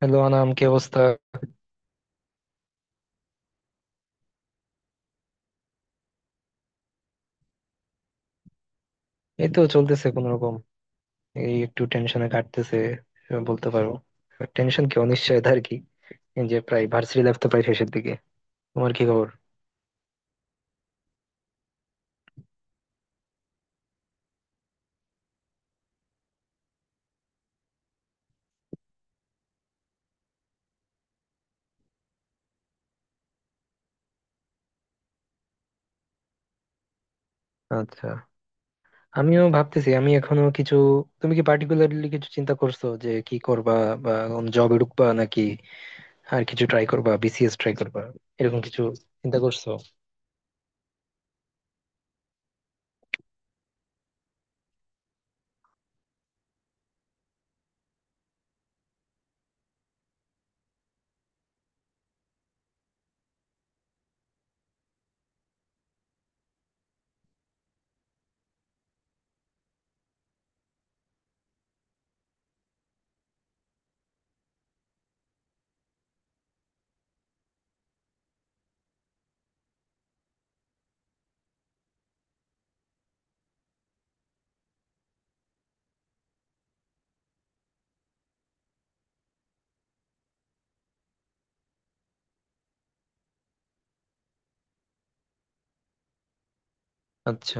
Hello Anam, কি অবস্থা? এই তো চলতেছে কোন রকম। এই একটু টেনশনে কাটতেছে বলতে পারো। টেনশন কি, অনিশ্চয়তা আর কি। এই যে প্রায় ভার্সিটি লাইফ তো প্রায় শেষের দিকে। তোমার কি খবর? আচ্ছা, আমিও ভাবতেছি, আমি এখনো কিছু। তুমি কি পার্টিকুলারলি কিছু চিন্তা করছো যে কি করবা? বা কোন জবে ঢুকবা নাকি আর কিছু ট্রাই করবা, বিসিএস ট্রাই করবা, এরকম কিছু চিন্তা করছো? আচ্ছা,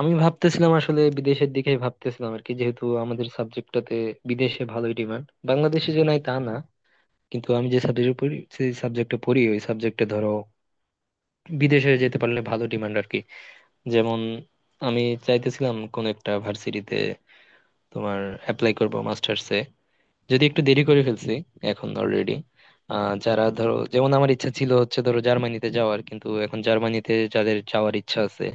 আমি ভাবতেছিলাম আসলে বিদেশের দিকে ভাবতেছিলাম আর কি, যেহেতু আমাদের সাবজেক্টটাতে বিদেশে ভালোই ডিমান্ড, বাংলাদেশে যে নাই তা না, কিন্তু আমি যে সাবজেক্টে পড়ি সেই সাবজেক্টে পড়ি, ওই সাবজেক্টে ধরো বিদেশে যেতে পারলে ভালো ডিমান্ড আর কি। যেমন আমি চাইতেছিলাম কোন একটা ভার্সিটিতে তোমার অ্যাপ্লাই করব মাস্টার্সে, যদি একটু দেরি করে ফেলছি এখন অলরেডি। যারা ধরো, যেমন আমার ইচ্ছা ছিল হচ্ছে ধরো জার্মানিতে যাওয়ার, কিন্তু এখন জার্মানিতে যাদের যাওয়ার ইচ্ছা আছে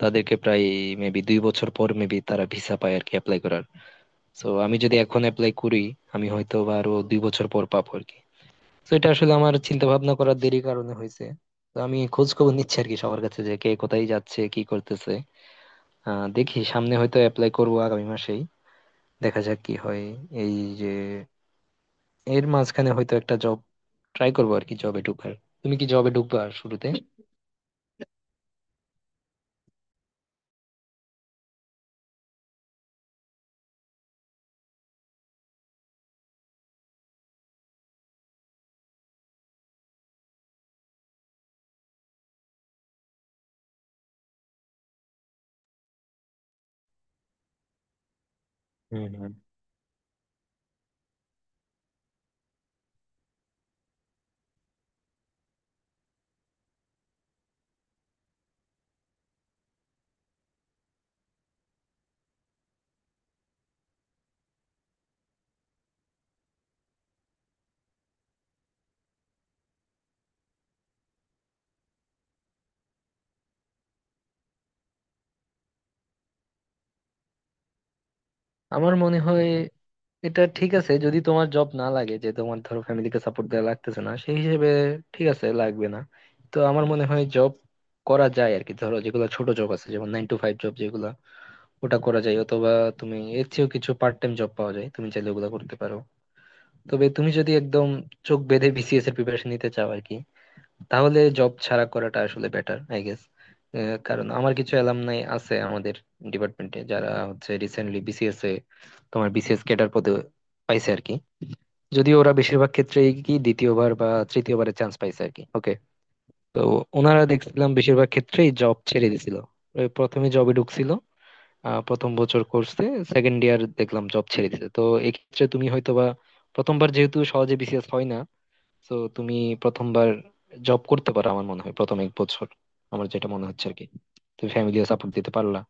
তাদেরকে প্রায় মেবি 2 বছর পর মেবি তারা ভিসা পায় আর কি অ্যাপ্লাই করার। তো আমি যদি এখন অ্যাপ্লাই করি, আমি হয়তো বা আরো 2 বছর পর পাবো আর কি। তো এটা আসলে আমার চিন্তা ভাবনা করার দেরি কারণে হয়েছে। তো আমি খোঁজ খবর নিচ্ছি আর কি সবার কাছে, যে কে কোথায় যাচ্ছে, কি করতেছে। দেখি সামনে হয়তো অ্যাপ্লাই করবো আগামী মাসেই, দেখা যাক কি হয়। এই যে এর মাঝখানে হয়তো একটা জব ট্রাই করবো আর কি, জবে ঢুকার। তুমি কি জবে ঢুকবা শুরুতে? হম, হম। আমার মনে হয় এটা ঠিক আছে, যদি তোমার জব না লাগে, যে তোমার ধরো ফ্যামিলিকে সাপোর্ট দেওয়া লাগতেছে না সেই হিসেবে, ঠিক আছে, লাগবে না। তো আমার মনে হয় জব করা যায় আর কি, ধরো যেগুলো ছোট জব আছে, যেমন 9 টু 5 জব, যেগুলো ওটা করা যায়। অথবা তুমি এর চেয়েও কিছু পার্ট টাইম জব পাওয়া যায়, তুমি চাইলে ওগুলো করতে পারো। তবে তুমি যদি একদম চোখ বেঁধে বিসিএস এর প্রিপারেশন নিতে চাও আর কি, তাহলে জব ছাড়া করাটা আসলে বেটার আই গেস। কারণ আমার কিছু অ্যালামনাই আছে আমাদের ডিপার্টমেন্টে যারা হচ্ছে রিসেন্টলি বিসিএস এ তোমার বিসিএস ক্যাডার পদে পাইছে আর কি। যদিও ওরা বেশিরভাগ ক্ষেত্রেই কি দ্বিতীয়বার বা তৃতীয়বারের চান্স পাইছে আর কি, ওকে। তো ওনারা দেখছিলাম বেশিরভাগ ক্ষেত্রেই জব ছেড়ে দিছিল, ওই প্রথমে জবে ঢুকছিল। প্রথম বছর কোর্সে সেকেন্ড ইয়ার দেখলাম জব ছেড়ে দিছে। তো এক্ষেত্রে তুমি হয়তোবা প্রথমবার যেহেতু সহজে বিসিএস হয় না, তো তুমি প্রথমবার জব করতে পারো, আমার মনে হয় প্রথম 1 বছর। আমার যেটা মনে হচ্ছে আর কি, তুমি ফ্যামিলিও সাপোর্ট দিতে পারলা।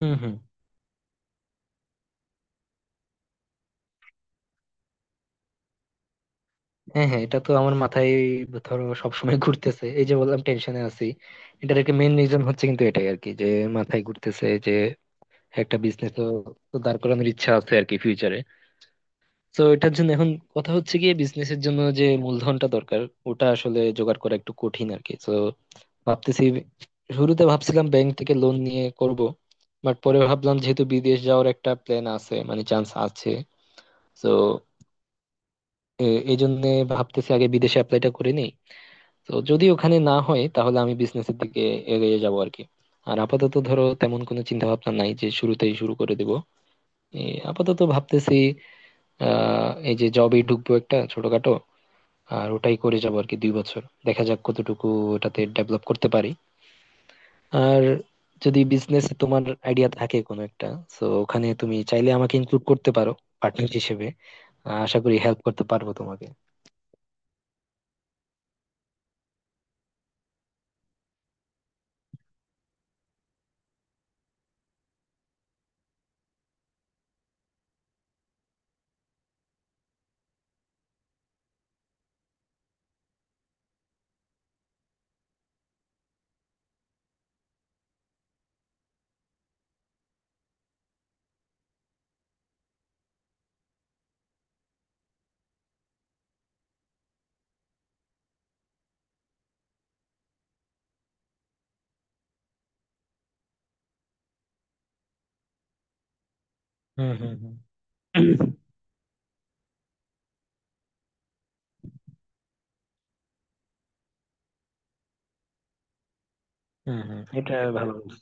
হুম, হুম। হ্যাঁ, হ্যাঁ, এটা তো আমার মাথায় ধরো সবসময় ঘুরতেছে, এই যে বললাম টেনশনে আছি, এটার একটা মেন রিজন হচ্ছে কিন্তু এটাই আর কি, যে মাথায় ঘুরতেছে যে একটা বিজনেস তো তো দাঁড় করানোর ইচ্ছা আছে আর কি ফিউচারে। তো এটার জন্য এখন কথা হচ্ছে গিয়ে, বিজনেসের জন্য যে মূলধনটা দরকার ওটা আসলে জোগাড় করা একটু কঠিন আর কি। তো ভাবতেছি, শুরুতে ভাবছিলাম ব্যাংক থেকে লোন নিয়ে করব, বাট পরে ভাবলাম যেহেতু বিদেশ যাওয়ার একটা প্ল্যান আছে, মানে চান্স আছে, তো এই জন্য ভাবতেছি আগে বিদেশে অ্যাপ্লাইটা করে নিই। তো যদি ওখানে না হয় তাহলে আমি বিজনেসের দিকে এগিয়ে যাব আর কি। আর আপাতত ধরো তেমন কোনো চিন্তা ভাবনা নাই যে শুরুতেই শুরু করে দেব। আপাতত ভাবতেছি এই যে জবে ঢুকবো একটা ছোটখাটো, আর ওটাই করে যাবো আর কি 2 বছর, দেখা যাক কতটুকু ওটাতে ডেভেলপ করতে পারি। আর যদি বিজনেস তোমার আইডিয়া থাকে কোনো একটা, তো ওখানে তুমি চাইলে আমাকে ইনক্লুড করতে পারো পার্টনার হিসেবে। আশা করি হেল্প করতে পারবো তোমাকে। হুম, হুম, হুম। হুম, হুম, এটা ভালো বলছো।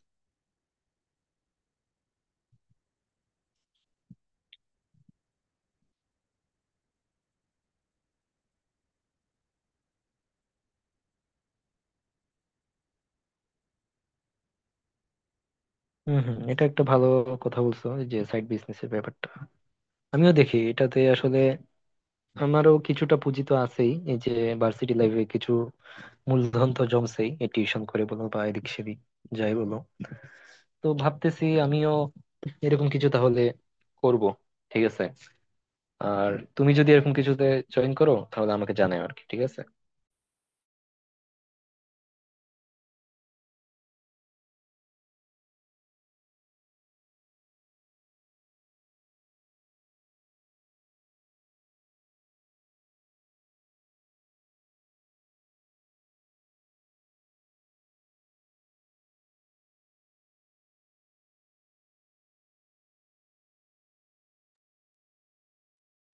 হুম, হুম, এটা একটা ভালো কথা বলছো, এই যে সাইড বিজনেস এর ব্যাপারটা। আমিও দেখি এটাতে আসলে আমারও কিছুটা পুঁজি তো আছেই, এই যে ভার্সিটি লাইফে কিছু মূলধন তো জমছেই, এই টিউশন করে বলো বা এদিক সেদিক যাই বলো। তো ভাবতেছি আমিও এরকম কিছু তাহলে করব, ঠিক আছে। আর তুমি যদি এরকম কিছুতে জয়েন করো তাহলে আমাকে জানাও আর কি, ঠিক আছে।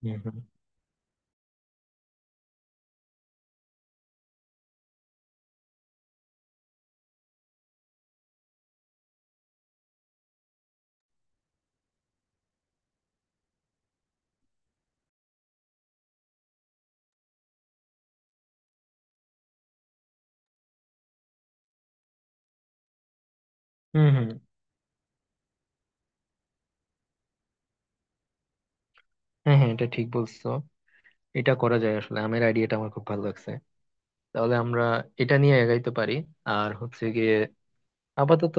হুম, হুম। হুম, হুম। হ্যাঁ, হ্যাঁ, এটা ঠিক বলছো, এটা করা যায় আসলে। আমের আইডিয়াটা আমার খুব ভালো লাগছে, তাহলে আমরা এটা নিয়ে এগাইতে পারি। আর হচ্ছে গিয়ে আপাতত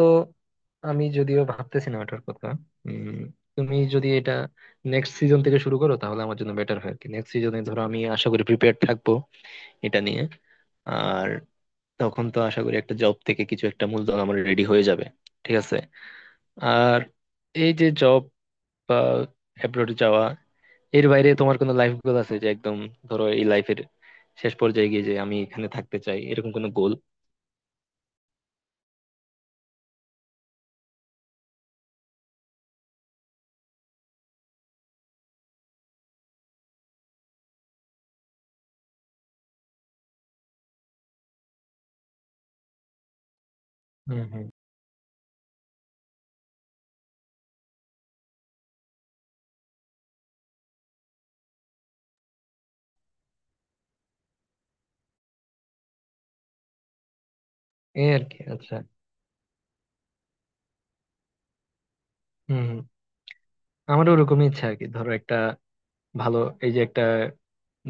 আমি যদিও ভাবতেছি না ওটার কথা। উম তুমি যদি এটা নেক্সট সিজন থেকে শুরু করো তাহলে আমার জন্য বেটার হয় আর কি। নেক্সট সিজনে ধরো আমি আশা করি প্রিপেয়ার থাকবো এটা নিয়ে। আর তখন তো আশা করি একটা জব থেকে কিছু একটা মূলধন আমার রেডি হয়ে যাবে, ঠিক আছে। আর এই যে জব বা অ্যাব্রোডে যাওয়া, এর বাইরে তোমার কোনো লাইফ গোল আছে, যে একদম ধরো এই লাইফের শেষ পর্যায়ে গিয়ে যে আমি এখানে থাকতে চাই, এরকম কোনো গোল? হম, হম। এই আর কি, আচ্ছা। হম, হম। আমারও ওরকমই ইচ্ছা আর কি, ধরো একটা ভালো এই যে একটা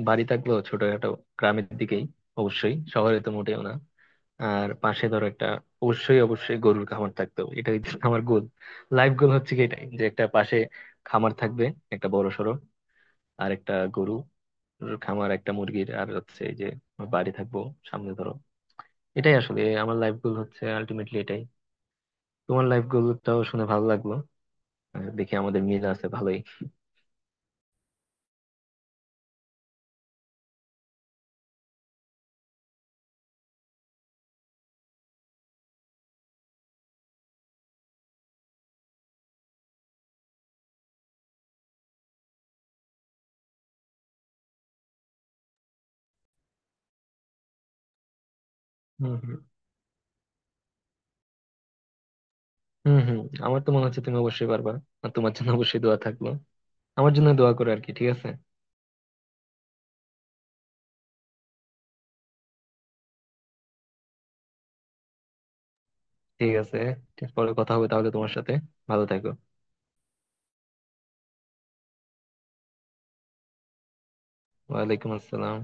বাড়ি থাকলেও ছোটখাটো, গ্রামের দিকেই, অবশ্যই শহরে তো মোটেও না। আর পাশে ধরো একটা অবশ্যই অবশ্যই গরুর খামার থাকতো, এটা হচ্ছে আমার গোল। লাইফ গোল হচ্ছে কি এটাই, যে একটা পাশে খামার থাকবে একটা বড় সড়ো, আর একটা গরু খামার, একটা মুরগির, আর হচ্ছে এই যে আমার বাড়ি থাকবো সামনে ধরো। এটাই আসলে আমার লাইফ গোল হচ্ছে, আলটিমেটলি এটাই। তোমার লাইফ গোলটাও শুনে ভালো লাগলো, আর দেখি আমাদের মিল আছে ভালোই। হম, হম। হম, হম। আমার তো মনে হচ্ছে তুমি অবশ্যই পারবা, আর তোমার জন্য অবশ্যই দোয়া থাকলো। আমার জন্য দোয়া করো আর কি, ঠিক আছে। ঠিক আছে, পরে কথা হবে তাহলে তোমার সাথে। ভালো থেকো। ওয়ালাইকুম আসসালাম।